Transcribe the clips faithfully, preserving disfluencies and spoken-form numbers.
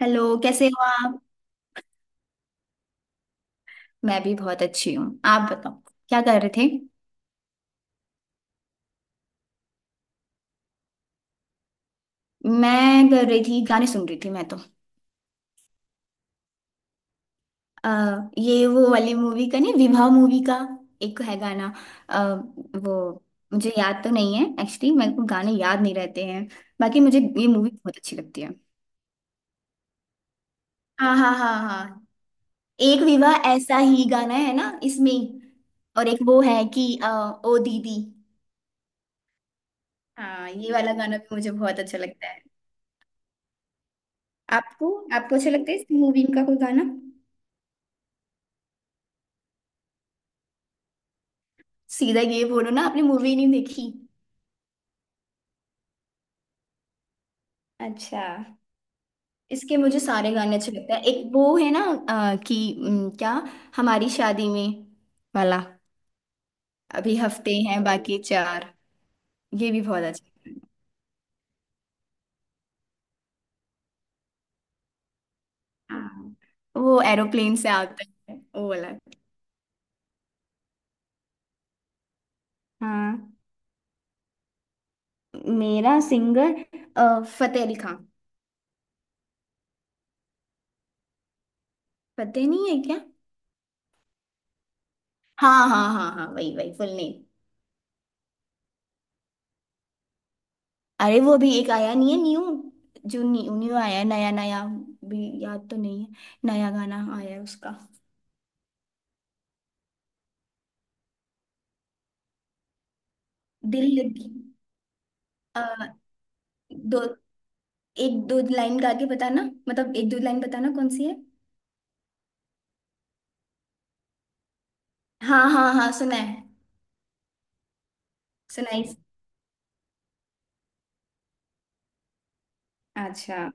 Hello कैसे हो आप। मैं भी बहुत अच्छी हूँ। आप बताओ क्या कर रहे थे। मैं कर रही थी, गाने सुन रही थी मैं तो। अ, ये वो वाली मूवी का नहीं, विवाह मूवी का एक है गाना। अ, वो मुझे याद तो नहीं है, एक्चुअली मेरे को गाने याद नहीं रहते हैं। बाकी मुझे ये मूवी बहुत अच्छी लगती है। हाँ हाँ हाँ हाँ। एक विवाह ऐसा ही गाना है ना इसमें। और एक वो है कि अ, ओ दीदी। हाँ, ये वाला गाना भी मुझे बहुत अच्छा लगता है। आपको, आपको अच्छा लगता है इस मूवी का कोई गाना? सीधा ये बोलो ना आपने मूवी नहीं देखी। अच्छा। इसके मुझे सारे गाने अच्छे लगते हैं। एक वो है ना अ, कि उम, क्या, हमारी शादी में वाला। अभी हफ्ते हैं बाकी चार। ये भी बहुत अच्छा। हाँ, वो एरोप्लेन से आता है, वो वाला। हाँ, मेरा सिंगर अ, फतेह अली खान। फतेह नहीं है क्या? हाँ हाँ हाँ हाँ, वही वही, फुल नेम। अरे वो अभी एक आया नहीं है न्यू, जो न्यू न्यू आया है, नया नया भी याद तो नहीं है। नया गाना आया है उसका। दिल लगी। आ, दो, एक दो लाइन गा के बताना। मतलब एक दो लाइन बताना कौन सी है। हाँ हाँ हाँ सुना है। सुना है। अच्छा।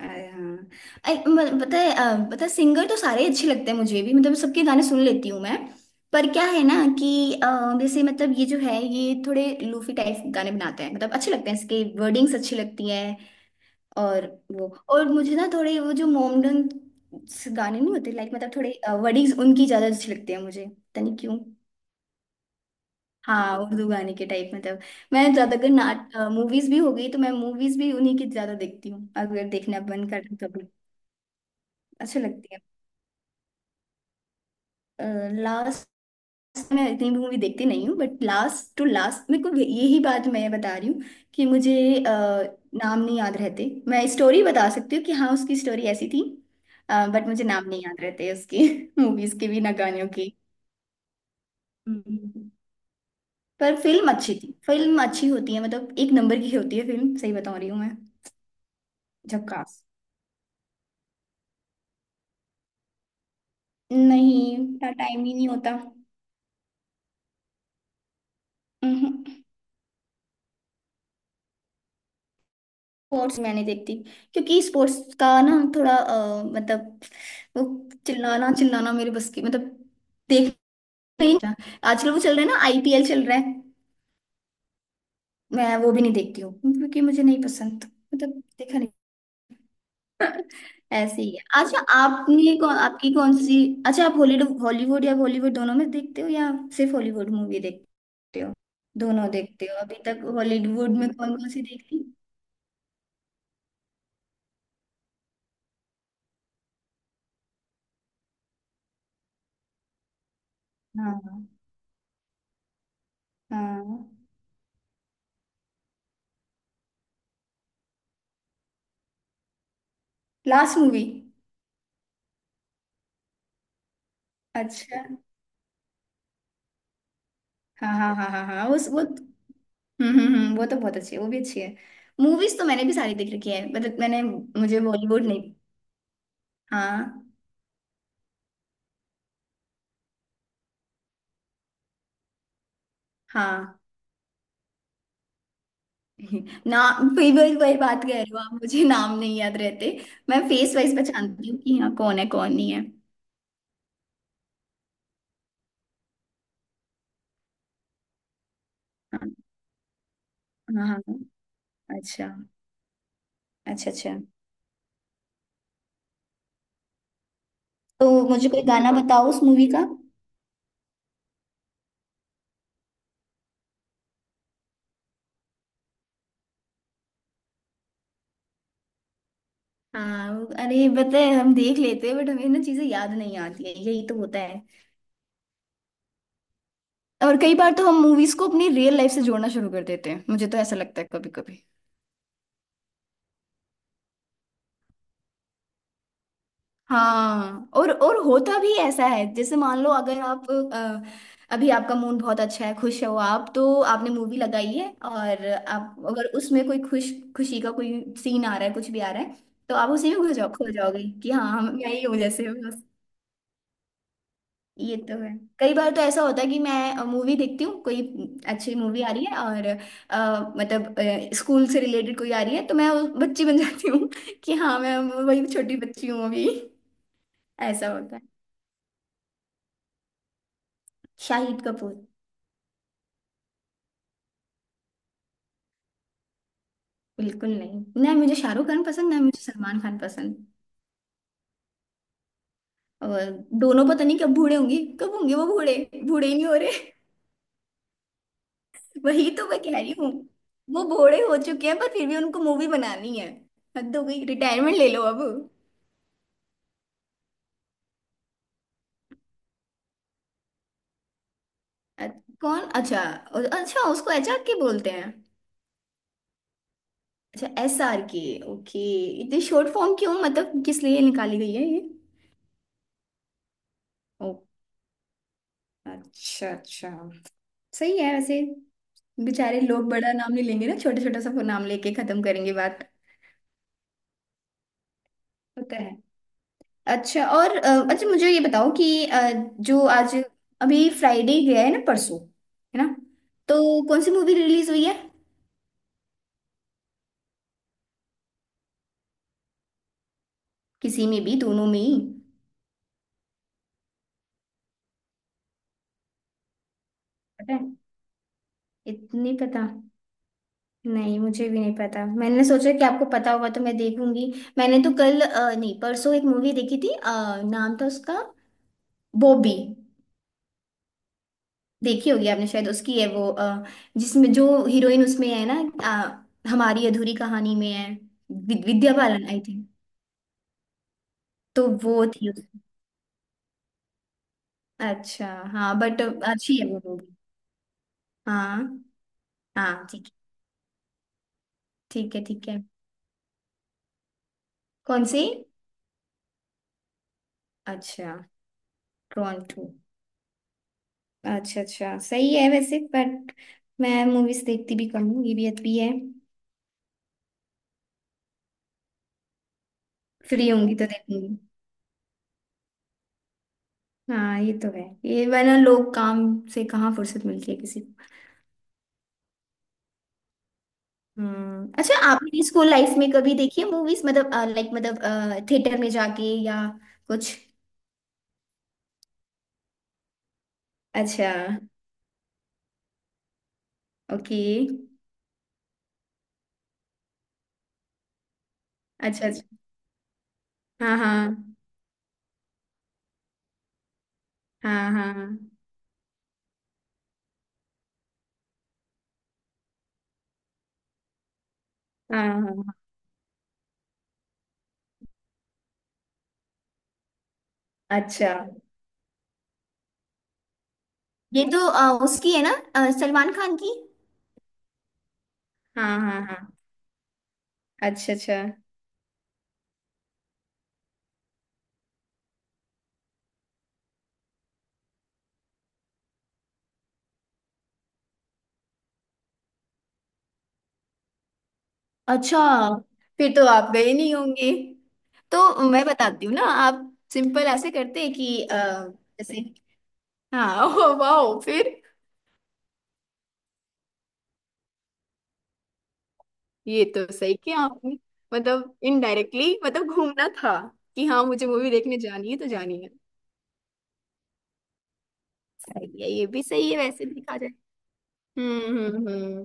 अरे हाँ। अरे म- पता है अ, पता है, सिंगर तो सारे ही अच्छे लगते हैं मुझे भी, मतलब सबके गाने सुन लेती हूँ मैं। पर क्या है ना कि अ, जैसे मतलब ये जो है, ये थोड़े लूफी टाइप गाने बनाते हैं, मतलब अच्छे लगते हैं, इसके वर्डिंग्स अच्छी लगती हैं। और वो, और मुझे ना थोड़े वो जो मोमडन गाने नहीं होते, लाइक मतलब थोड़े वर्डिंग्स उनकी ज़्यादा अच्छी लगती है, मुझे पता नहीं क्यों। हाँ, उर्दू गाने के टाइप मतलब। मैं ज़्यादातर नाट मूवीज भी हो गई तो मैं मूवीज भी उन्हीं की ज़्यादा देखती हूँ, अगर देखना बंद कर दूँ कभी। अच्छे लगती है। लास्ट, मैं इतनी भी मूवी देखती नहीं हूँ बट लास्ट टू लास्ट मेरे को, यही बात मैं बता रही हूँ कि मुझे अ, नाम नहीं याद रहते। मैं स्टोरी बता सकती हूँ कि हाँ उसकी स्टोरी ऐसी थी, बट मुझे नाम नहीं याद रहते उसकी मूवीज के भी ना, गानों के। हम्म। पर फिल्म अच्छी थी, फिल्म अच्छी होती है, मतलब एक नंबर की होती है फिल्म, सही बता रही हूँ मैं। झक्कास। नहीं, इतना टाइम ही नहीं होता। हम्म। स्पोर्ट्स मैं नहीं देखती क्योंकि स्पोर्ट्स का ना थोड़ा अ, मतलब वो, चिल्लाना चिल्लाना मेरे बस की, मतलब देख नहीं। आजकल वो चल रहा है ना, आई पी एल चल रहा है। मैं वो भी नहीं देखती हूँ क्योंकि मुझे नहीं पसंद, मतलब देखा नहीं। ऐसे ही है। अच्छा आपने कौन, आपकी कौन सी, अच्छा आप हॉलीवुड, हॉलीवुड या बॉलीवुड दोनों में देखते हो या सिर्फ हॉलीवुड मूवी देखते हो? दोनों देखते हो अभी तक हॉलीवुड में कौन कौन सी देखती? हाँ। हाँ। Last movie. अच्छा। हाँ हाँ हाँ हाँ हाँ उस वो, हम्म हम्म हम्म, वो तो बहुत अच्छी है, वो भी अच्छी है। मूवीज तो मैंने भी सारी देख रखी है मतलब, मैंने, मुझे बॉलीवुड नहीं। हाँ। हाँ। नाम, फिर वही वही बात कह रहे हो आप, मुझे नाम नहीं याद रहते। मैं फेस वाइज पहचानती हूँ कि हाँ कौन है कौन नहीं है। हाँ हाँ हाँ, अच्छा अच्छा अच्छा। तो मुझे कोई गाना बताओ उस मूवी का। हाँ, अरे बताए हम देख लेते हैं, बट हमें ना चीजें याद नहीं आती है, यही तो होता है। और कई बार तो हम मूवीज को अपनी रियल लाइफ से जोड़ना शुरू कर देते हैं, मुझे तो ऐसा लगता है कभी कभी। हाँ और और होता भी ऐसा है, जैसे मान लो अगर आप अ, अभी आपका मूड बहुत अच्छा है, खुश हो आप, तो आपने मूवी लगाई है और आप अगर उसमें कोई खुश, खुशी का कोई सीन आ रहा है, कुछ भी आ रहा है, तो आप उसी में खो जाओ, खो जाओगी कि हाँ हम, मैं ही हूँ जैसे। ये तो है। कई बार तो ऐसा होता है कि मैं मूवी देखती हूँ, कोई अच्छी मूवी आ रही है और अ, मतलब स्कूल से रिलेटेड कोई आ रही है तो मैं उस बच्ची बन जाती हूँ कि हाँ मैं वही छोटी बच्ची हूँ अभी। ऐसा होता है। शाहिद कपूर। बिल्कुल नहीं, नहीं मुझे शाहरुख खान पसंद नहीं, मुझे सलमान खान पसंद। और दोनों पता नहीं कब बूढ़े होंगे, कब होंगे वो बूढ़े, बूढ़े ही नहीं हो रहे। वही तो मैं कह रही हूँ, वो बूढ़े हो चुके हैं पर फिर भी उनको मूवी बनानी है। हद हो गई, रिटायरमेंट ले लो अब। अ- कौन? अच्छा अ- अच्छा, उसको एच आर के बोलते हैं? अच्छा, एस आर के। ओके। इतनी शॉर्ट फॉर्म क्यों, मतलब किस लिए निकाली गई है ये? ओ, अच्छा अच्छा। सही है वैसे। बेचारे लोग बड़ा नाम नहीं लेंगे ना, छोटा छोटा सा नाम लेके खत्म करेंगे बात। होता है। अच्छा और अ, अच्छा मुझे ये बताओ कि अ, जो आज, अभी फ्राइडे गया है ना परसों, है ना? तो कौन सी मूवी रिलीज हुई है? किसी में भी, दोनों में ही। पता है? इतनी पता, नहीं मुझे भी नहीं पता, मैंने सोचा कि आपको पता होगा तो मैं देखूंगी। मैंने तो कल अ, नहीं परसों एक मूवी देखी थी, अ, नाम था उसका बॉबी। देखी होगी आपने शायद, उसकी है वो अ, जिसमें जो हीरोइन उसमें है ना अ, हमारी अधूरी कहानी में है, वि- विद्या बालन आई थिंक। तो वो थी उसमें। अच्छा। हाँ बट अच्छी है वो मूवी। हाँ। हाँ ठीक है ठीक है। ठीक है। कौन सी? अच्छा। टोरंटो। अच्छा अच्छा, सही है वैसे बट मैं मूवीज देखती भी कम हूँ, ये भी अच्छी है। फ्री होंगी तो देखूंगी। हाँ ये तो है, ये वरना लोग काम से कहाँ फुर्सत मिलती है किसी को। हम्म। अच्छा आपने स्कूल लाइफ में कभी देखी है मूवीज, मतलब लाइक मतलब थिएटर में जाके या कुछ? अच्छा। ओके। अच्छा अच्छा। हाँ हाँ। हाँ हाँ हाँ हाँ। अच्छा। ये तो अ, उसकी है ना अ, सलमान खान की। हाँ हाँ हाँ। अच्छा अच्छा अच्छा। फिर तो आप गए नहीं होंगे। तो मैं बताती हूँ ना, आप सिंपल ऐसे करते हैं कि अ, जैसे, हाँ ओ वाओ, फिर ये तो सही किया आपने। मतलब इनडायरेक्टली मतलब घूमना था, कि हाँ मुझे मूवी देखने जानी है तो जानी है। सही है, ये भी सही है वैसे देखा जाए। हम्म हम्म हम्म।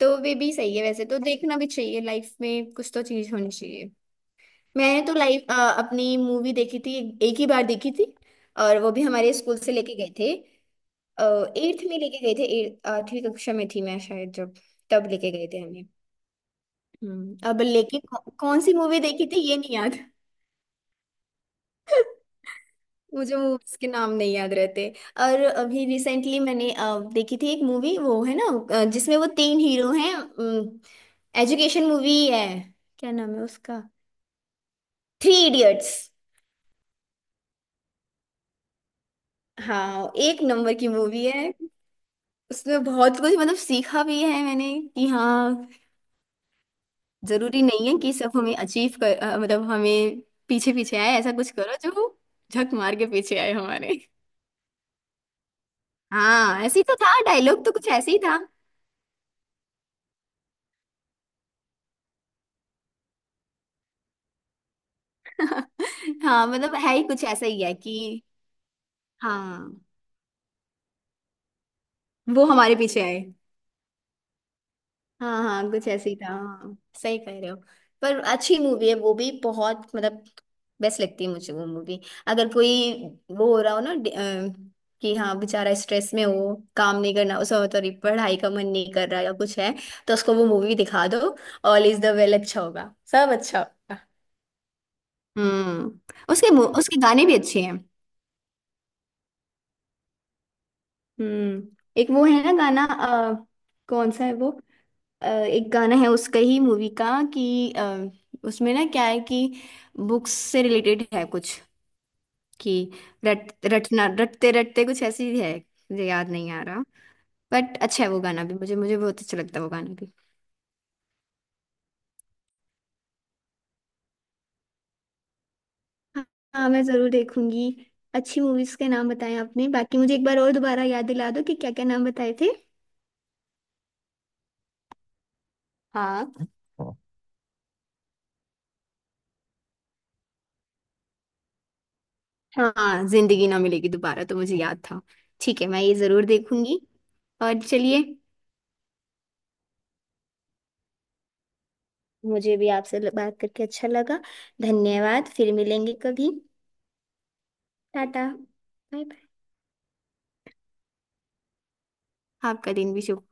तो वे भी सही है वैसे, तो देखना भी चाहिए लाइफ में, कुछ तो चीज होनी चाहिए। मैंने तो लाइफ अपनी मूवी देखी थी एक ही बार देखी थी, और वो भी हमारे स्कूल से लेके गए थे। एट्थ में लेके गए थे, eighth- आठवीं कक्षा में थी मैं शायद जब तब लेके गए थे हमें। हम्म, अब लेकिन कौ, कौन सी मूवी देखी थी ये नहीं याद। मुझे मूवीज के नाम नहीं याद रहते। और अभी रिसेंटली मैंने अ, देखी थी एक मूवी, वो है ना अ, जिसमें वो तीन हीरो हैं, एजुकेशन मूवी है, क्या नाम है उसका? Three idiots. हाँ, एक नंबर की मूवी है। उसमें बहुत कुछ मतलब सीखा भी है मैंने कि हाँ, जरूरी नहीं है कि सब हमें अचीव कर, अ, मतलब हमें पीछे पीछे आए, ऐसा कुछ करो जो झक मार के पीछे आए हमारे। हाँ ऐसे ही तो था, डायलॉग तो कुछ ऐसे ही था। हाँ मतलब है ही कुछ ऐसा ही है कि हाँ वो हमारे पीछे आए। हाँ हाँ कुछ ऐसे ही था हाँ। सही कह रहे हो। पर अच्छी मूवी है वो भी, बहुत मतलब बेस्ट लगती है मुझे वो मूवी। अगर कोई वो हो रहा हो ना डि- अ, कि हाँ बेचारा स्ट्रेस में हो, काम नहीं करना उसका, मतलब पढ़ाई का मन नहीं कर रहा या कुछ है, तो उसको वो मूवी दिखा दो। ऑल इज द वेल, अच्छा होगा, सब अच्छा होगा। हम्म, उसके मु- उसके गाने भी अच्छे हैं। हम्म। एक वो है ना गाना, अ, कौन सा है वो? अ, एक गाना है उसका ही मूवी का कि अ, उसमें ना क्या है कि बुक्स से रिलेटेड है कुछ, कि रट रटना रटते रटते, कुछ ऐसी है। मुझे याद नहीं आ रहा, बट अच्छा है वो गाना भी, मुझे मुझे बहुत अच्छा लगता है वो गाना भी। हाँ। हाँ, मैं जरूर देखूंगी। अच्छी मूवीज के नाम बताए आपने, बाकी मुझे एक बार और दोबारा याद दिला दो कि क्या क्या नाम बताए थे। हाँ। हाँ। हाँ जिंदगी ना मिलेगी दोबारा तो मुझे याद था। ठीक है, मैं ये जरूर देखूंगी। और चलिए, मुझे भी आपसे ल- बात करके अच्छा लगा। धन्यवाद, फिर मिलेंगे कभी। टाटा। Bye bye. आपका दिन भी शुभ।